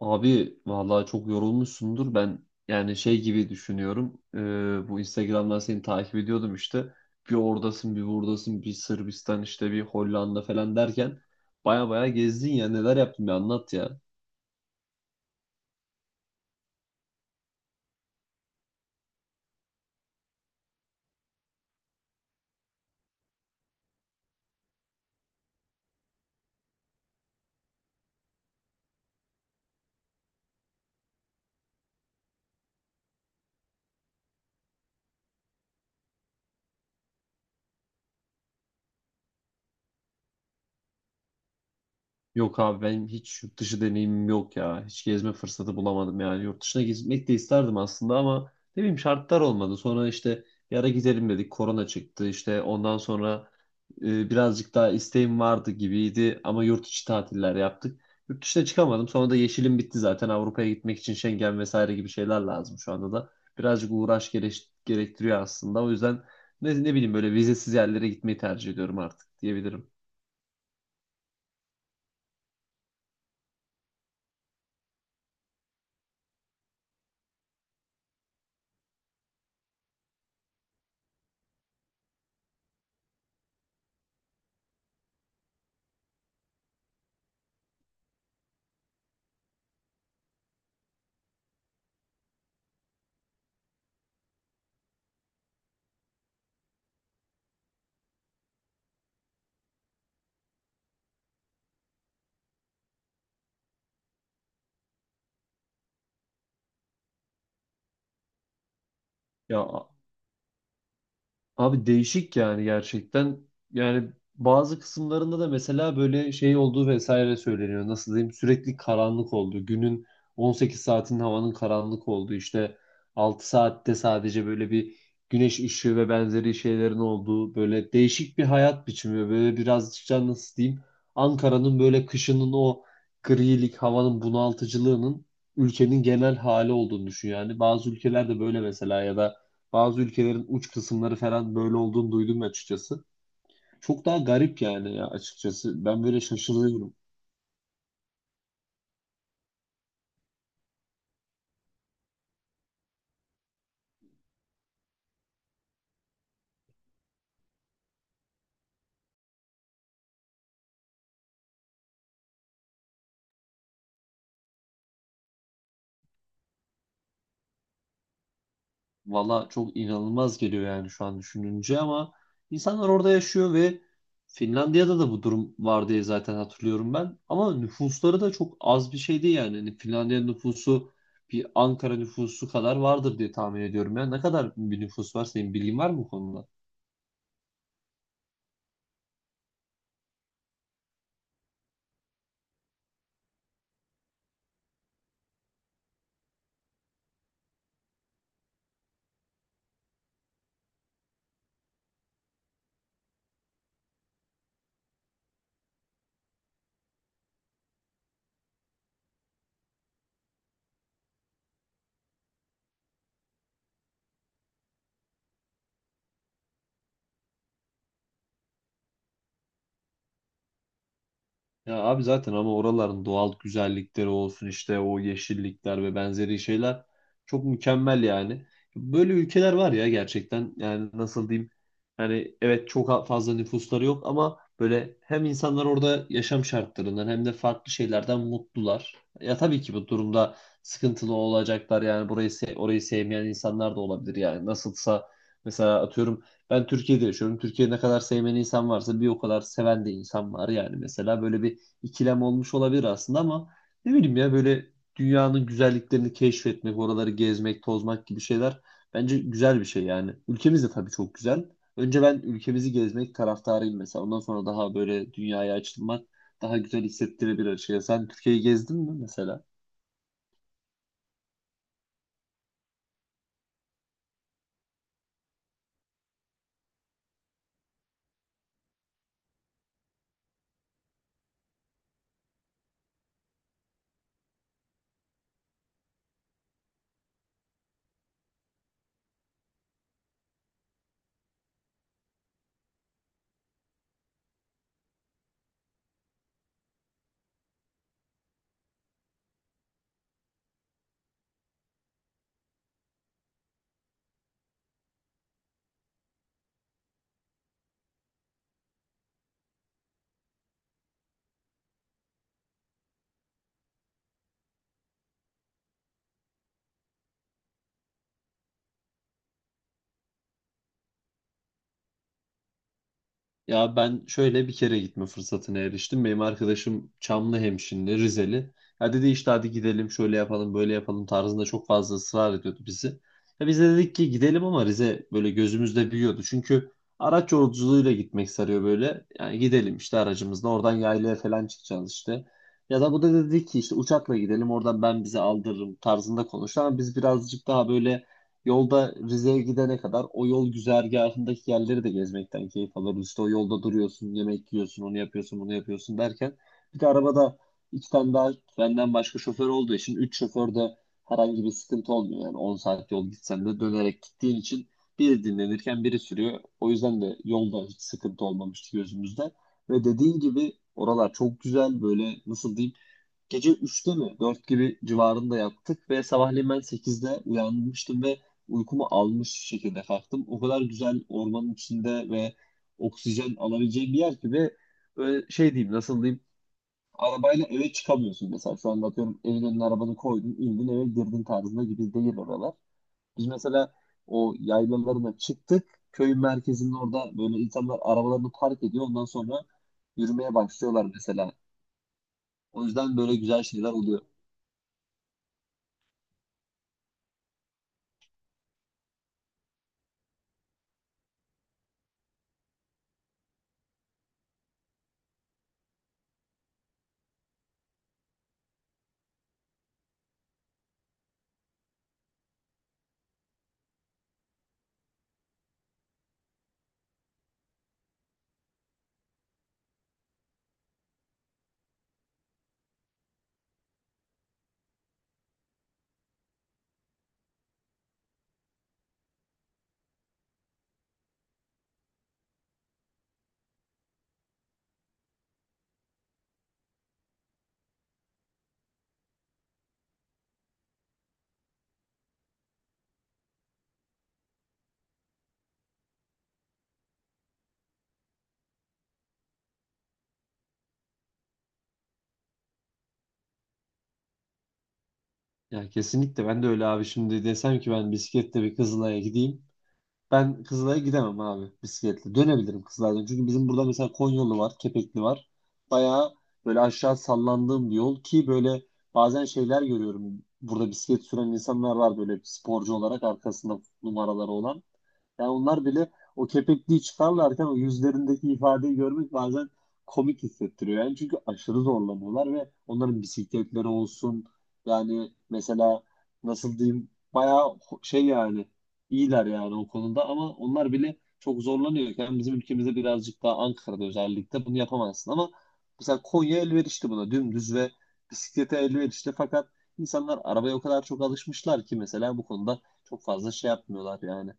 Abi vallahi çok yorulmuşsundur. Ben yani şey gibi düşünüyorum. Bu Instagram'dan seni takip ediyordum işte. Bir oradasın, bir buradasın, bir Sırbistan işte, bir Hollanda falan derken baya baya gezdin ya. Neler yaptın bir anlat ya. Yok abi benim hiç yurt dışı deneyimim yok ya. Hiç gezme fırsatı bulamadım yani. Yurt dışına gitmek de isterdim aslında ama ne bileyim şartlar olmadı. Sonra işte bir ara gidelim dedik. Korona çıktı. İşte ondan sonra birazcık daha isteğim vardı gibiydi ama yurt içi tatiller yaptık. Yurt dışına çıkamadım. Sonra da yeşilim bitti zaten. Avrupa'ya gitmek için Schengen vesaire gibi şeyler lazım şu anda da. Birazcık gerektiriyor aslında. O yüzden ne bileyim böyle vizesiz yerlere gitmeyi tercih ediyorum artık diyebilirim. Ya abi değişik yani gerçekten. Yani bazı kısımlarında da mesela böyle şey olduğu vesaire söyleniyor. Nasıl diyeyim? Sürekli karanlık oldu. Günün 18 saatinin havanın karanlık olduğu, işte 6 saatte sadece böyle bir güneş ışığı ve benzeri şeylerin olduğu böyle değişik bir hayat biçimi. Ve böyle birazcık da nasıl diyeyim? Ankara'nın böyle kışının o grilik havanın bunaltıcılığının ülkenin genel hali olduğunu düşün yani. Bazı ülkelerde böyle mesela ya da bazı ülkelerin uç kısımları falan böyle olduğunu duydum açıkçası. Çok daha garip yani ya açıkçası. Ben böyle şaşırıyorum. Valla çok inanılmaz geliyor yani şu an düşününce ama insanlar orada yaşıyor ve Finlandiya'da da bu durum var diye zaten hatırlıyorum ben. Ama nüfusları da çok az bir şey değil yani. Hani Finlandiya nüfusu bir Ankara nüfusu kadar vardır diye tahmin ediyorum. Ya ne kadar bir nüfus var, senin bilgin var mı bu konuda? Ya abi zaten ama oraların doğal güzellikleri olsun, işte o yeşillikler ve benzeri şeyler çok mükemmel yani. Böyle ülkeler var ya gerçekten, yani nasıl diyeyim, yani evet çok fazla nüfusları yok ama böyle hem insanlar orada yaşam şartlarından hem de farklı şeylerden mutlular. Ya tabii ki bu durumda sıkıntılı olacaklar yani orayı sevmeyen insanlar da olabilir yani. Nasılsa mesela atıyorum ben Türkiye'de yaşıyorum. Türkiye'de ne kadar sevmeyen insan varsa bir o kadar seven de insan var yani, mesela böyle bir ikilem olmuş olabilir aslında, ama ne bileyim ya, böyle dünyanın güzelliklerini keşfetmek, oraları gezmek, tozmak gibi şeyler bence güzel bir şey yani. Ülkemiz de tabii çok güzel. Önce ben ülkemizi gezmek taraftarıyım mesela. Ondan sonra daha böyle dünyaya açılmak daha güzel hissettirebilir şey. Sen Türkiye'yi gezdin mi mesela? Ya ben şöyle bir kere gitme fırsatına eriştim. Benim arkadaşım Çamlıhemşinli, Rizeli. Ya dedi işte hadi gidelim, şöyle yapalım böyle yapalım tarzında çok fazla ısrar ediyordu bizi. Ya biz de dedik ki gidelim, ama Rize böyle gözümüzde büyüyordu. Çünkü araç yolculuğuyla gitmek sarıyor böyle. Yani gidelim işte aracımızla oradan yaylaya falan çıkacağız işte. Ya da bu da dedi ki işte uçakla gidelim, oradan ben bizi aldırırım tarzında konuştu. Ama biz birazcık daha böyle, yolda Rize'ye gidene kadar o yol güzergahındaki yerleri de gezmekten keyif alırız. İşte o yolda duruyorsun, yemek yiyorsun, onu yapıyorsun, bunu yapıyorsun derken bir de arabada iki tane daha benden başka şoför olduğu için, üç şoför de, herhangi bir sıkıntı olmuyor. Yani 10 saat yol gitsen de dönerek gittiğin için biri dinlenirken biri sürüyor. O yüzden de yolda hiç sıkıntı olmamıştı gözümüzde. Ve dediğin gibi oralar çok güzel, böyle nasıl diyeyim, gece 3'te mi 4 gibi civarında yattık ve sabahleyin ben 8'de uyanmıştım ve uykumu almış şekilde kalktım. O kadar güzel ormanın içinde ve oksijen alabileceğim bir yer ki, ve böyle şey diyeyim nasıl diyeyim, arabayla eve çıkamıyorsun mesela, şu anda atıyorum evin önüne arabanı koydun indin eve girdin tarzında gibi değil oralar. Biz mesela o yaylalarına çıktık, köyün merkezinin orada böyle insanlar arabalarını park ediyor, ondan sonra yürümeye başlıyorlar mesela. O yüzden böyle güzel şeyler oluyor. Ya kesinlikle, ben de öyle abi. Şimdi desem ki ben bisikletle bir Kızılay'a gideyim, ben Kızılay'a gidemem abi bisikletle. Dönebilirim Kızılay'dan. Çünkü bizim burada mesela Konyolu var, Kepekli var. Bayağı böyle aşağı sallandığım bir yol ki, böyle bazen şeyler görüyorum. Burada bisiklet süren insanlar var, böyle sporcu olarak arkasında numaraları olan. Yani onlar bile o kepekliği çıkarlarken o yüzlerindeki ifadeyi görmek bazen komik hissettiriyor. Yani çünkü aşırı zorlanıyorlar ve onların bisikletleri olsun, yani mesela nasıl diyeyim, bayağı şey yani, iyiler yani o konuda, ama onlar bile çok zorlanıyor yani. Bizim ülkemizde birazcık daha Ankara'da özellikle bunu yapamazsın ama mesela Konya elverişli buna, dümdüz ve bisiklete elverişli, fakat insanlar arabaya o kadar çok alışmışlar ki mesela bu konuda çok fazla şey yapmıyorlar yani.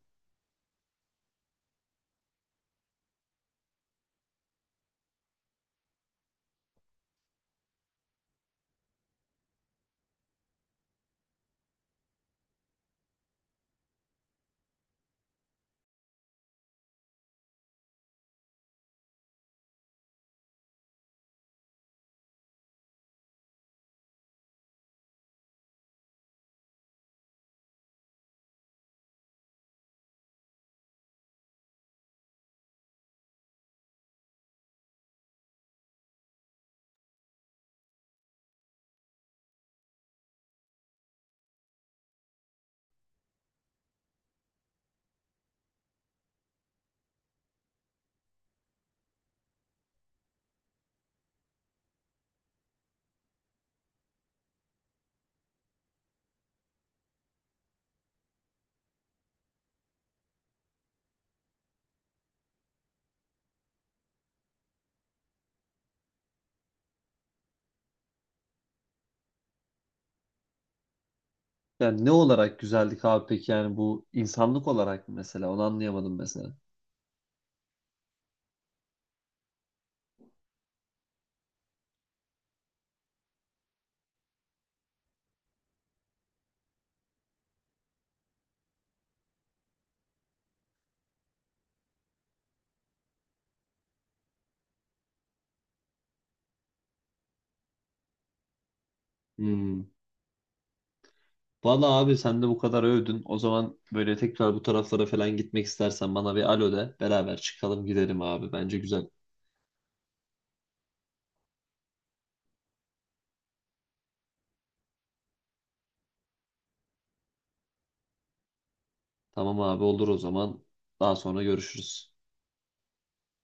Yani ne olarak güzellik abi peki, yani bu insanlık olarak mı mesela, onu anlayamadım mesela. Hmm. Valla abi sen de bu kadar övdün. O zaman böyle tekrar bu taraflara falan gitmek istersen bana bir alo de, beraber çıkalım gidelim abi. Bence güzel. Tamam abi, olur o zaman. Daha sonra görüşürüz.